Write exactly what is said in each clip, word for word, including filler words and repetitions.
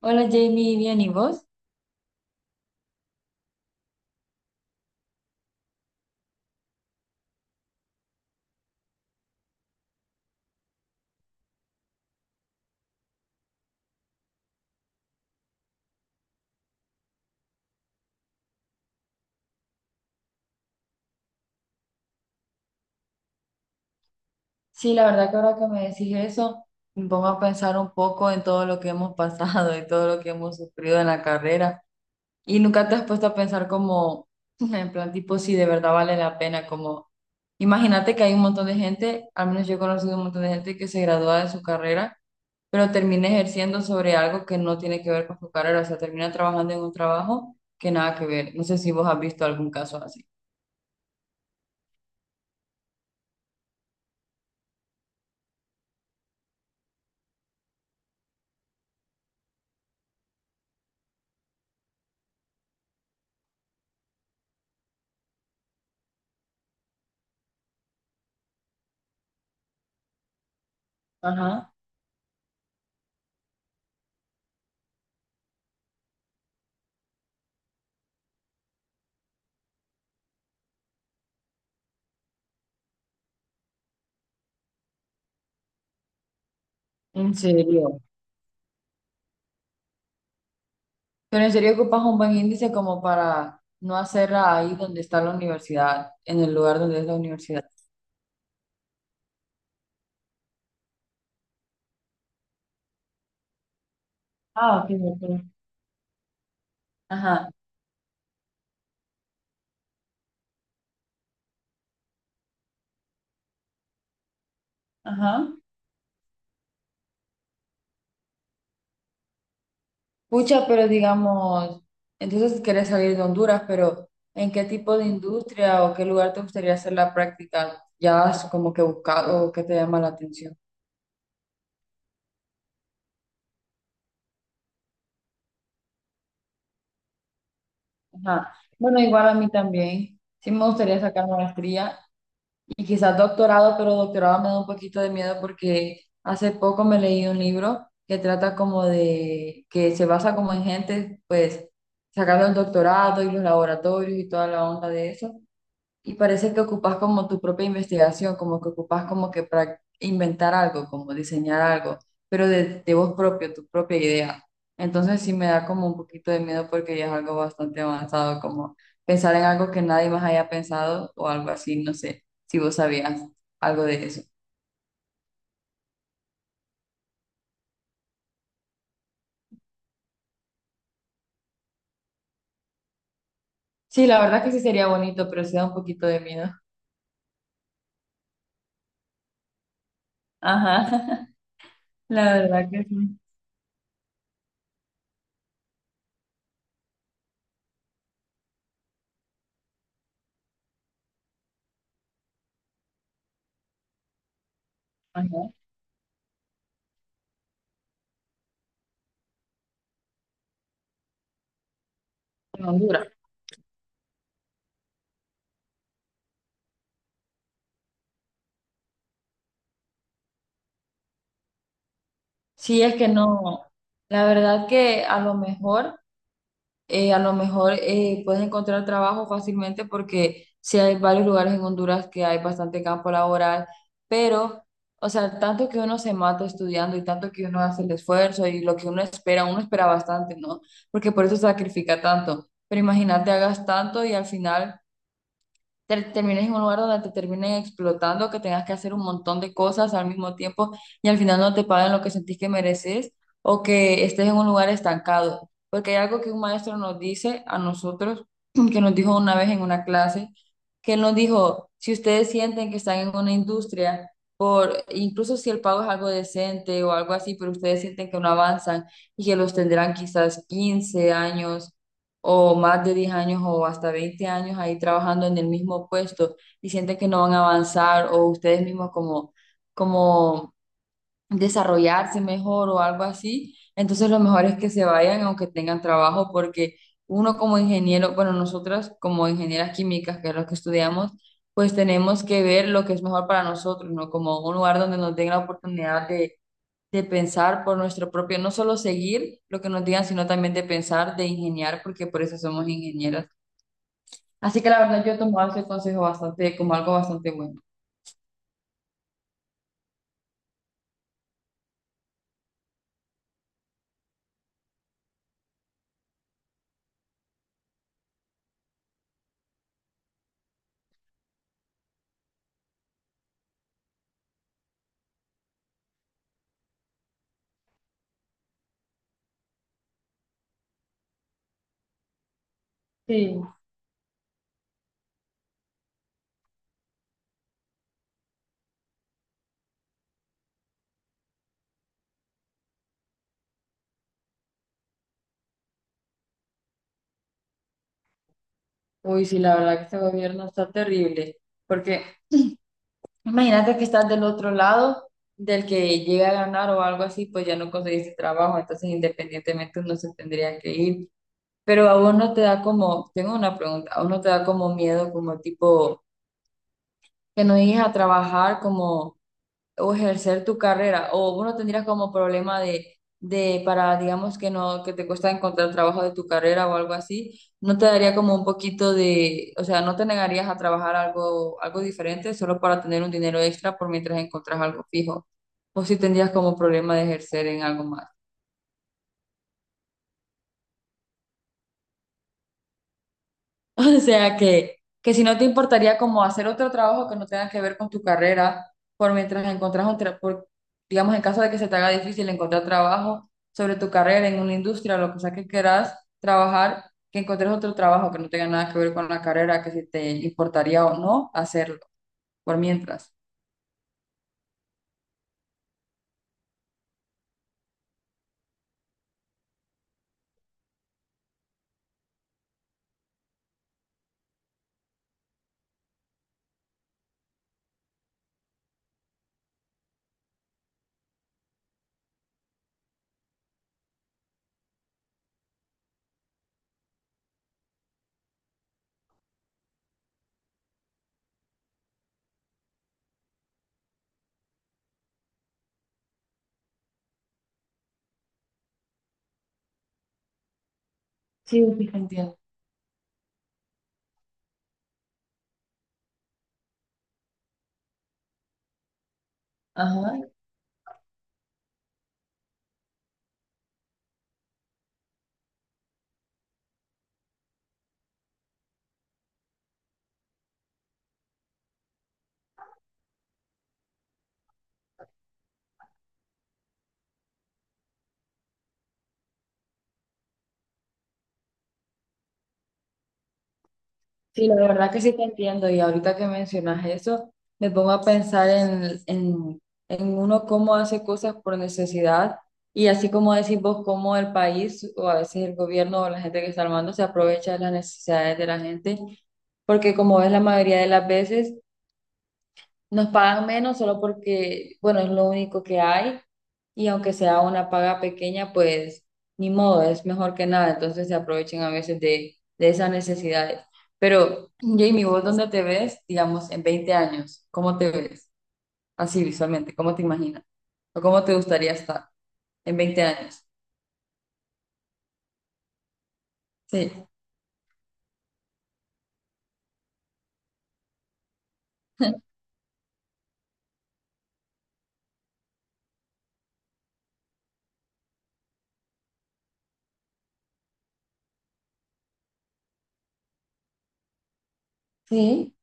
Hola Jamie, bien, ¿y vos? Sí, la verdad que ahora que me decís eso, me pongo a pensar un poco en todo lo que hemos pasado y todo lo que hemos sufrido en la carrera. Y nunca te has puesto a pensar como, en plan tipo, si de verdad vale la pena, como, imagínate que hay un montón de gente, al menos yo he conocido un montón de gente que se gradúa de su carrera, pero termina ejerciendo sobre algo que no tiene que ver con su carrera, o sea, termina trabajando en un trabajo que nada que ver. No sé si vos has visto algún caso así. Ajá, en serio. Pero en serio ocupas un buen índice como para no hacerla ahí donde está la universidad, en el lugar donde es la universidad. Ah, ok, ok. Ajá. Ajá. Pucha, pero digamos, entonces quieres salir de Honduras, pero ¿en qué tipo de industria o qué lugar te gustaría hacer la práctica? ¿Ya has como que buscado o qué te llama la atención? Ajá. Bueno, igual a mí también. Sí me gustaría sacar maestría. Y quizás doctorado, pero doctorado me da un poquito de miedo porque hace poco me leí un libro que trata como de, que se basa como en gente, pues, sacando el doctorado y los laboratorios y toda la onda de eso. Y parece que ocupas como tu propia investigación, como que ocupas como que para inventar algo, como diseñar algo, pero de, de vos propio, tu propia idea. Entonces sí me da como un poquito de miedo porque ya es algo bastante avanzado, como pensar en algo que nadie más haya pensado o algo así, no sé, si vos sabías algo de eso. Sí, la verdad que sí sería bonito, pero sí da un poquito de miedo. Ajá, la verdad que sí. Ajá, en Honduras. Sí, es que no, la verdad que a lo mejor... eh, a lo mejor eh, puedes encontrar trabajo fácilmente porque sí hay varios lugares en Honduras que hay bastante campo laboral, pero, o sea, tanto que uno se mata estudiando y tanto que uno hace el esfuerzo y lo que uno espera, uno espera bastante, ¿no? Porque por eso sacrifica tanto. Pero imagínate, hagas tanto y al final te- termines en un lugar donde te terminen explotando, que tengas que hacer un montón de cosas al mismo tiempo y al final no te paguen lo que sentís que mereces o que estés en un lugar estancado. Porque hay algo que un maestro nos dice a nosotros, que nos dijo una vez en una clase, que él nos dijo, si ustedes sienten que están en una industria, por, incluso si el pago es algo decente o algo así, pero ustedes sienten que no avanzan y que los tendrán quizás quince años o más de diez años o hasta veinte años ahí trabajando en el mismo puesto y sienten que no van a avanzar o ustedes mismos como, como desarrollarse mejor o algo así, entonces lo mejor es que se vayan aunque tengan trabajo porque uno como ingeniero, bueno, nosotras como ingenieras químicas, que es lo que estudiamos, pues tenemos que ver lo que es mejor para nosotros, ¿no? Como un lugar donde nos den la oportunidad de de pensar por nuestro propio, no solo seguir lo que nos digan, sino también de pensar, de ingeniar, porque por eso somos ingenieras. Así que la verdad yo he tomado ese consejo bastante, como algo bastante bueno. Sí, uy, sí, la verdad que este gobierno está terrible, porque imagínate que estás del otro lado, del que llega a ganar o algo así, pues ya no conseguiste trabajo, entonces independientemente uno se tendría que ir. Pero a vos no te da como, tengo una pregunta, a vos no te da como miedo, como tipo, que no llegues a trabajar, como o ejercer tu carrera, o vos no tendrías como problema de, de para, digamos, que no, que te cuesta encontrar trabajo de tu carrera o algo así, no te daría como un poquito de, o sea, no te negarías a trabajar algo, algo diferente solo para tener un dinero extra por mientras encontrás algo fijo, o si tendrías como problema de ejercer en algo más. O sea que, que si no te importaría como hacer otro trabajo que no tenga que ver con tu carrera, por mientras encontrás un tra- por, digamos, en caso de que se te haga difícil encontrar trabajo sobre tu carrera en una industria o lo que sea que quieras trabajar, que encuentres otro trabajo que no tenga nada que ver con la carrera, que si te importaría o no hacerlo, por mientras. Sí, sí, te entiendo. Ajá. Sí, la verdad que sí te entiendo y ahorita que mencionas eso, me pongo a pensar en, en, en uno cómo hace cosas por necesidad y así como decís vos, cómo el país o a veces el gobierno o la gente que está armando se aprovecha de las necesidades de la gente, porque como ves la mayoría de las veces nos pagan menos solo porque, bueno, es lo único que hay y aunque sea una paga pequeña, pues ni modo, es mejor que nada. Entonces se aprovechen a veces de, de esas necesidades. Pero, Jamie, ¿vos dónde te ves, digamos, en veinte años? ¿Cómo te ves? Así visualmente, ¿cómo te imaginas? ¿O cómo te gustaría estar en veinte años? Sí. Sí,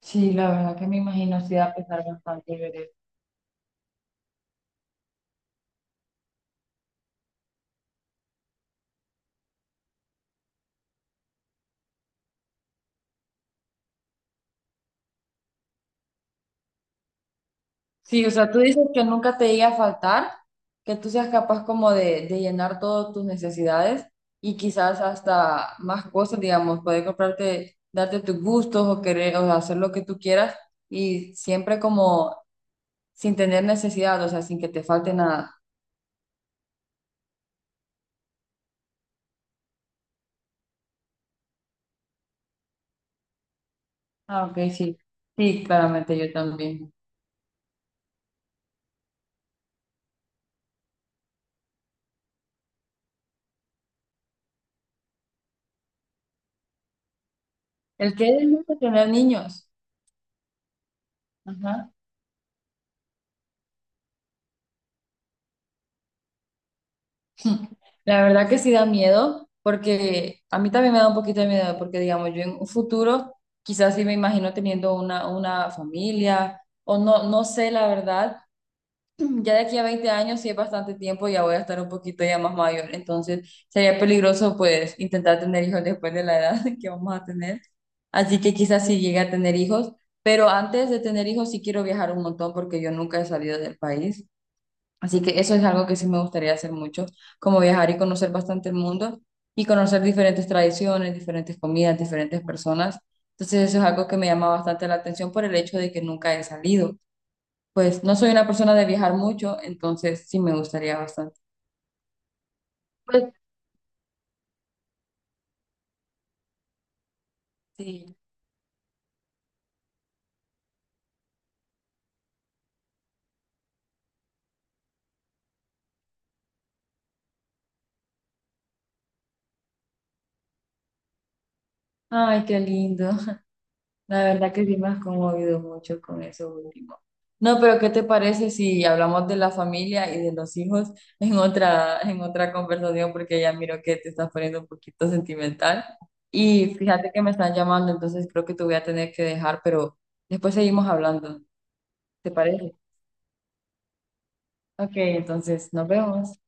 sí, la verdad que me imagino sí da pesar bastante. Sí, o sea, tú dices que nunca te llegue a faltar, que tú seas capaz como de, de llenar todas tus necesidades y quizás hasta más cosas, digamos, poder comprarte, darte tus gustos o querer, o hacer lo que tú quieras y siempre como sin tener necesidad, o sea, sin que te falte nada. Ah, ok, sí. Sí, claramente yo también. El que es el de tener niños. Ajá. La verdad que sí da miedo, porque a mí también me da un poquito de miedo, porque digamos, yo en un futuro quizás sí me imagino teniendo una, una familia, o no, no sé, la verdad, ya de aquí a veinte años sí es bastante tiempo, ya voy a estar un poquito ya más mayor, entonces sería peligroso pues intentar tener hijos después de la edad que vamos a tener, así que quizás sí llegue a tener hijos, pero antes de tener hijos sí quiero viajar un montón porque yo nunca he salido del país. Así que eso es algo que sí me gustaría hacer mucho, como viajar y conocer bastante el mundo y conocer diferentes tradiciones, diferentes comidas, diferentes personas. Entonces eso es algo que me llama bastante la atención por el hecho de que nunca he salido. Pues no soy una persona de viajar mucho, entonces sí me gustaría bastante. Pues sí. Ay, qué lindo. La verdad que sí me has conmovido mucho con eso último. No, pero ¿qué te parece si hablamos de la familia y de los hijos en otra, en otra conversación? Porque ya miro que te estás poniendo un poquito sentimental. Y fíjate que me están llamando, entonces creo que te voy a tener que dejar, pero después seguimos hablando. ¿Te parece? Ok, entonces nos vemos.